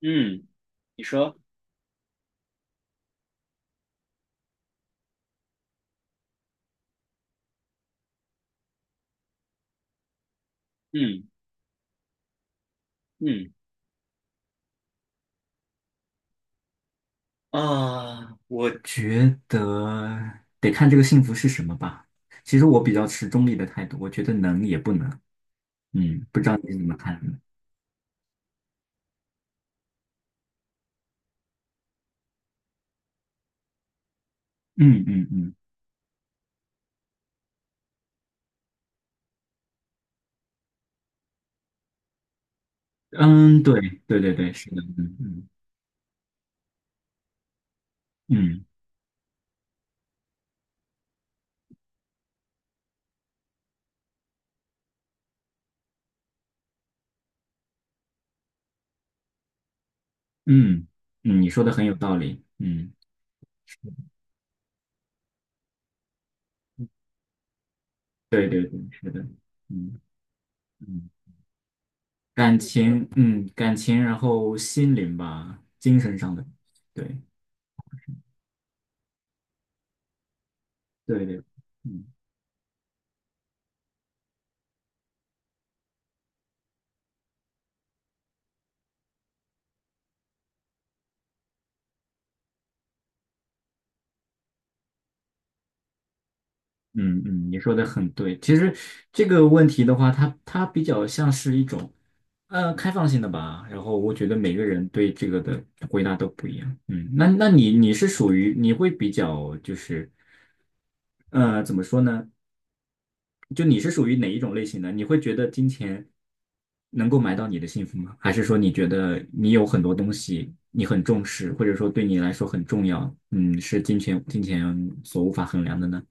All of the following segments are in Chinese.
嗯，你说。嗯嗯，我觉得得看这个幸福是什么吧。其实我比较持中立的态度，我觉得能也不能。嗯，不知道你是怎么看的。嗯嗯嗯嗯，对对对对，是的，嗯嗯嗯嗯嗯，你说的很有道理。嗯，对对对，是的，嗯嗯。感情，感情，然后心灵吧，精神上的。对对对，嗯。嗯嗯，你说的很对。其实这个问题的话，它比较像是一种开放性的吧。然后我觉得每个人对这个的回答都不一样。嗯，那你是属于你会比较就是怎么说呢？就你是属于哪一种类型的？你会觉得金钱能够买到你的幸福吗？还是说你觉得你有很多东西你很重视，或者说对你来说很重要？嗯，是金钱所无法衡量的呢？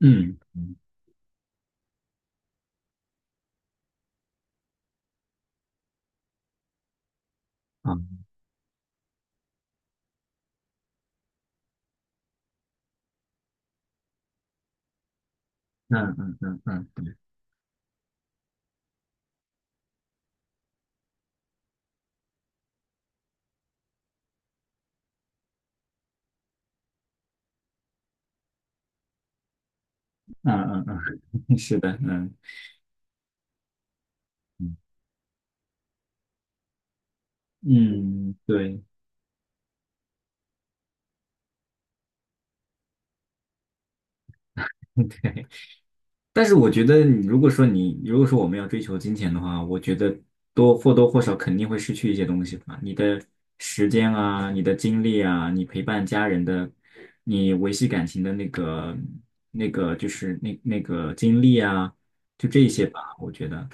嗯嗯。嗯嗯嗯嗯嗯嗯嗯，嗯嗯，是的，嗯嗯，嗯对。但是我觉得你，如果说我们要追求金钱的话，我觉得或多或少肯定会失去一些东西吧，你的时间啊，你的精力啊，你陪伴家人的，你维系感情的那个那个精力啊，就这一些吧，我觉得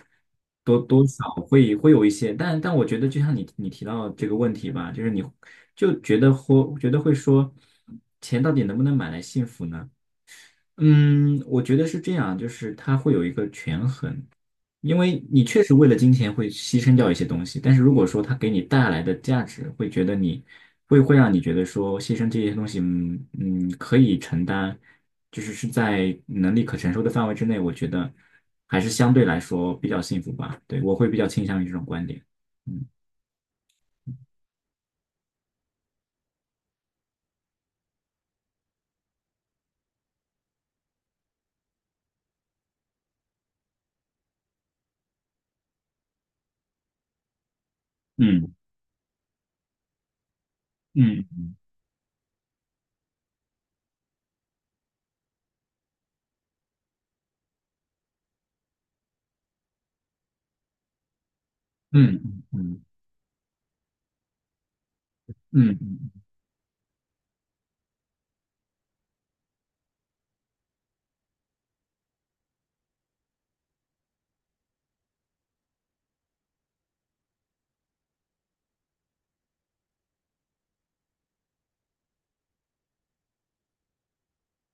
多多少会有一些。但我觉得就像你提到这个问题吧，就是你就觉得或觉得会说，钱到底能不能买来幸福呢？嗯，我觉得是这样，就是它会有一个权衡，因为你确实为了金钱会牺牲掉一些东西，但是如果说它给你带来的价值，会觉得你会让你觉得说牺牲这些东西，嗯嗯，可以承担，就是在能力可承受的范围之内，我觉得还是相对来说比较幸福吧。对，我会比较倾向于这种观点。嗯嗯嗯嗯嗯嗯嗯嗯。嗯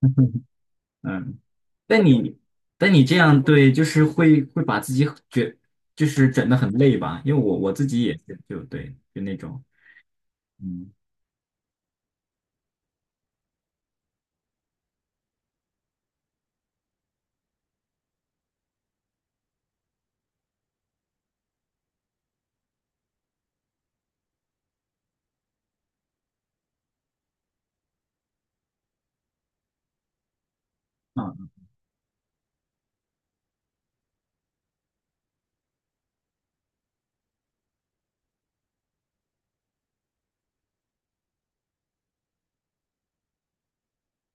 嗯嗯，但你但你这样，对，就是会把自己就是整的很累吧？因为我自己也是，就对，就那种。嗯啊，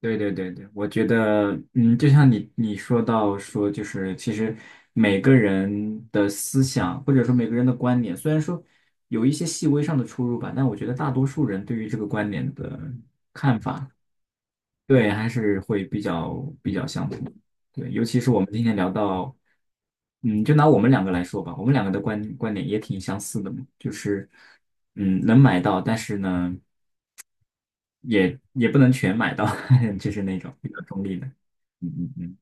对对对对，我觉得，嗯，就像你说到，说就是其实每个人的思想或者说每个人的观点，虽然说有一些细微上的出入吧，但我觉得大多数人对于这个观点的，对，还是会比较相同。对，尤其是我们今天聊到，嗯，就拿我们两个来说吧，我们两个的观点也挺相似的嘛。就是，嗯，能买到，但是呢，也不能全买到。就是那种比较中立的。嗯嗯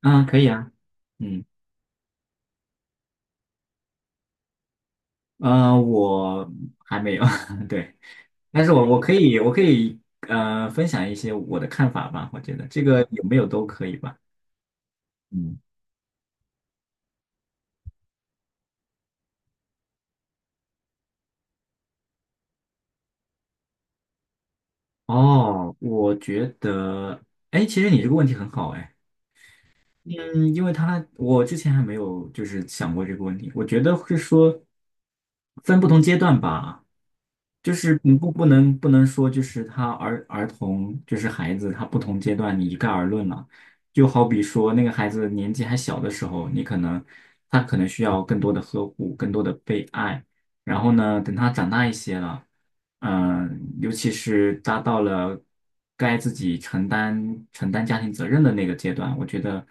嗯，啊，可以啊。嗯，呃，我还没有。对，但是我可以分享一些我的看法吧，我觉得这个有没有都可以吧。嗯。哦，我觉得，哎，其实你这个问题很好。哎，嗯，因为他，我之前还没有就是想过这个问题，我觉得是说分不同阶段吧。就是你不能说，就是他，儿童就是孩子，他不同阶段你一概而论了。就好比说那个孩子年纪还小的时候，你可能他可能需要更多的呵护，更多的被爱。然后呢，等他长大一些了，尤其是达到了该自己承担家庭责任的那个阶段，我觉得，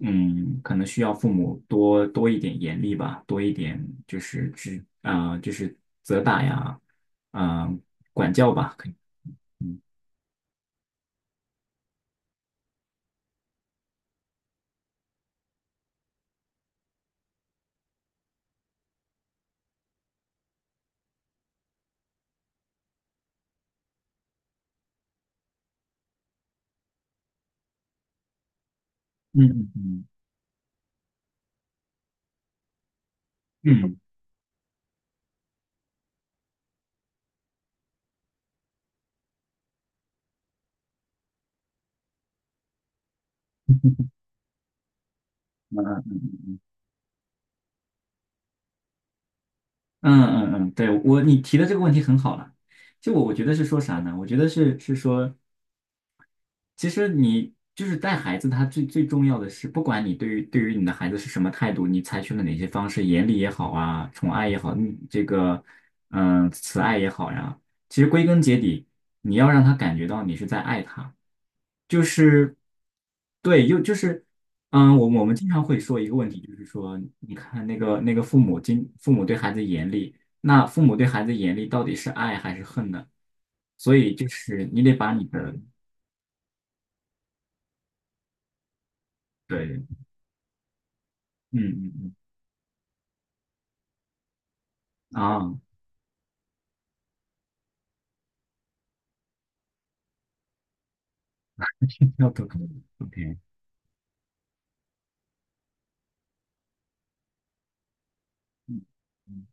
嗯，可能需要父母多多一点严厉吧，多一点就是指啊、就是责打呀。啊、管教吧，可以。嗯嗯嗯嗯嗯嗯嗯，对，我你提的这个问题很好了。就我觉得是说啥呢？我觉得是说其实你就是带孩子，他最最重要的是，不管你对于你的孩子是什么态度，你采取了哪些方式，严厉也好啊，宠爱也好，你这个慈爱也好呀，其实归根结底，你要让他感觉到你是在爱他。就是对，又就是我们经常会说一个问题，就是说，你看那个父母对孩子严厉，那父母对孩子严厉到底是爱还是恨呢？所以就是你得把你的……对，嗯嗯嗯啊。要多以 o k 嗯嗯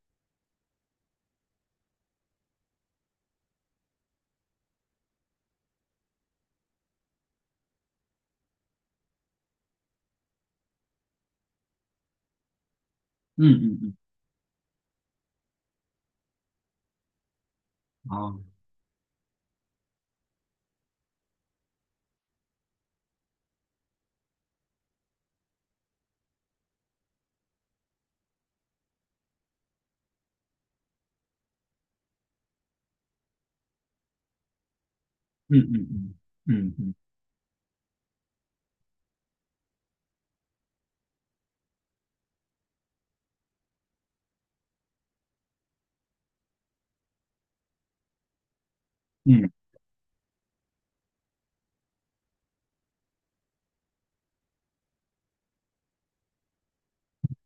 嗯嗯嗯啊，嗯嗯嗯嗯嗯嗯。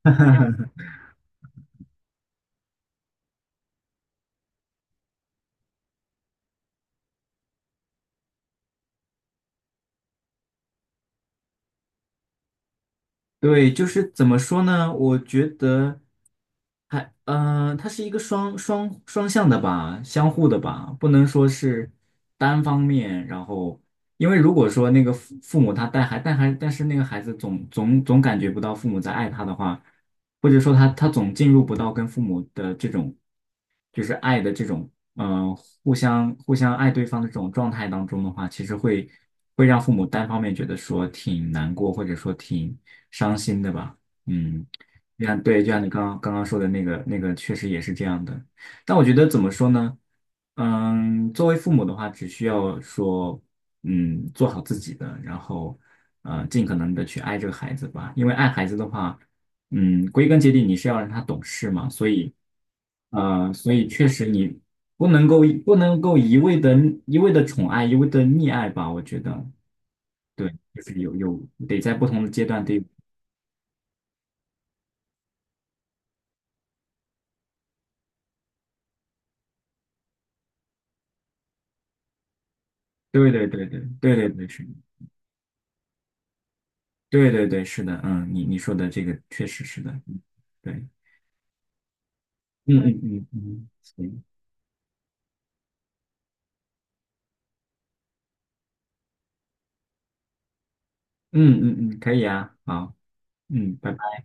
对，就是怎么说呢？我觉得它是一个双向的吧，相互的吧，不能说是单方面。然后，因为如果说那个父母他，带孩,但是那个孩子总感觉不到父母在爱他的话，或者说他总进入不到跟父母的这种，就是爱的这种，嗯、互相爱对方的这种状态当中的话，其实会让父母单方面觉得说挺难过，或者说挺伤心的吧。嗯，就像，对，就像你刚刚说的那个那个,确实也是这样的。但我觉得怎么说呢？嗯，作为父母的话，只需要说，做好自己的，然后，尽可能的去爱这个孩子吧。因为爱孩子的话，归根结底你是要让他懂事嘛，所以,确实你不能够一味的宠爱，一味的溺爱吧，我觉得。对，就是有，得在不同的阶段，对。对对对对对对对，是，对对对，是的，嗯，你说的这个确实是的，嗯，对，嗯嗯嗯嗯，行，嗯嗯嗯，可以啊，好，嗯，拜拜。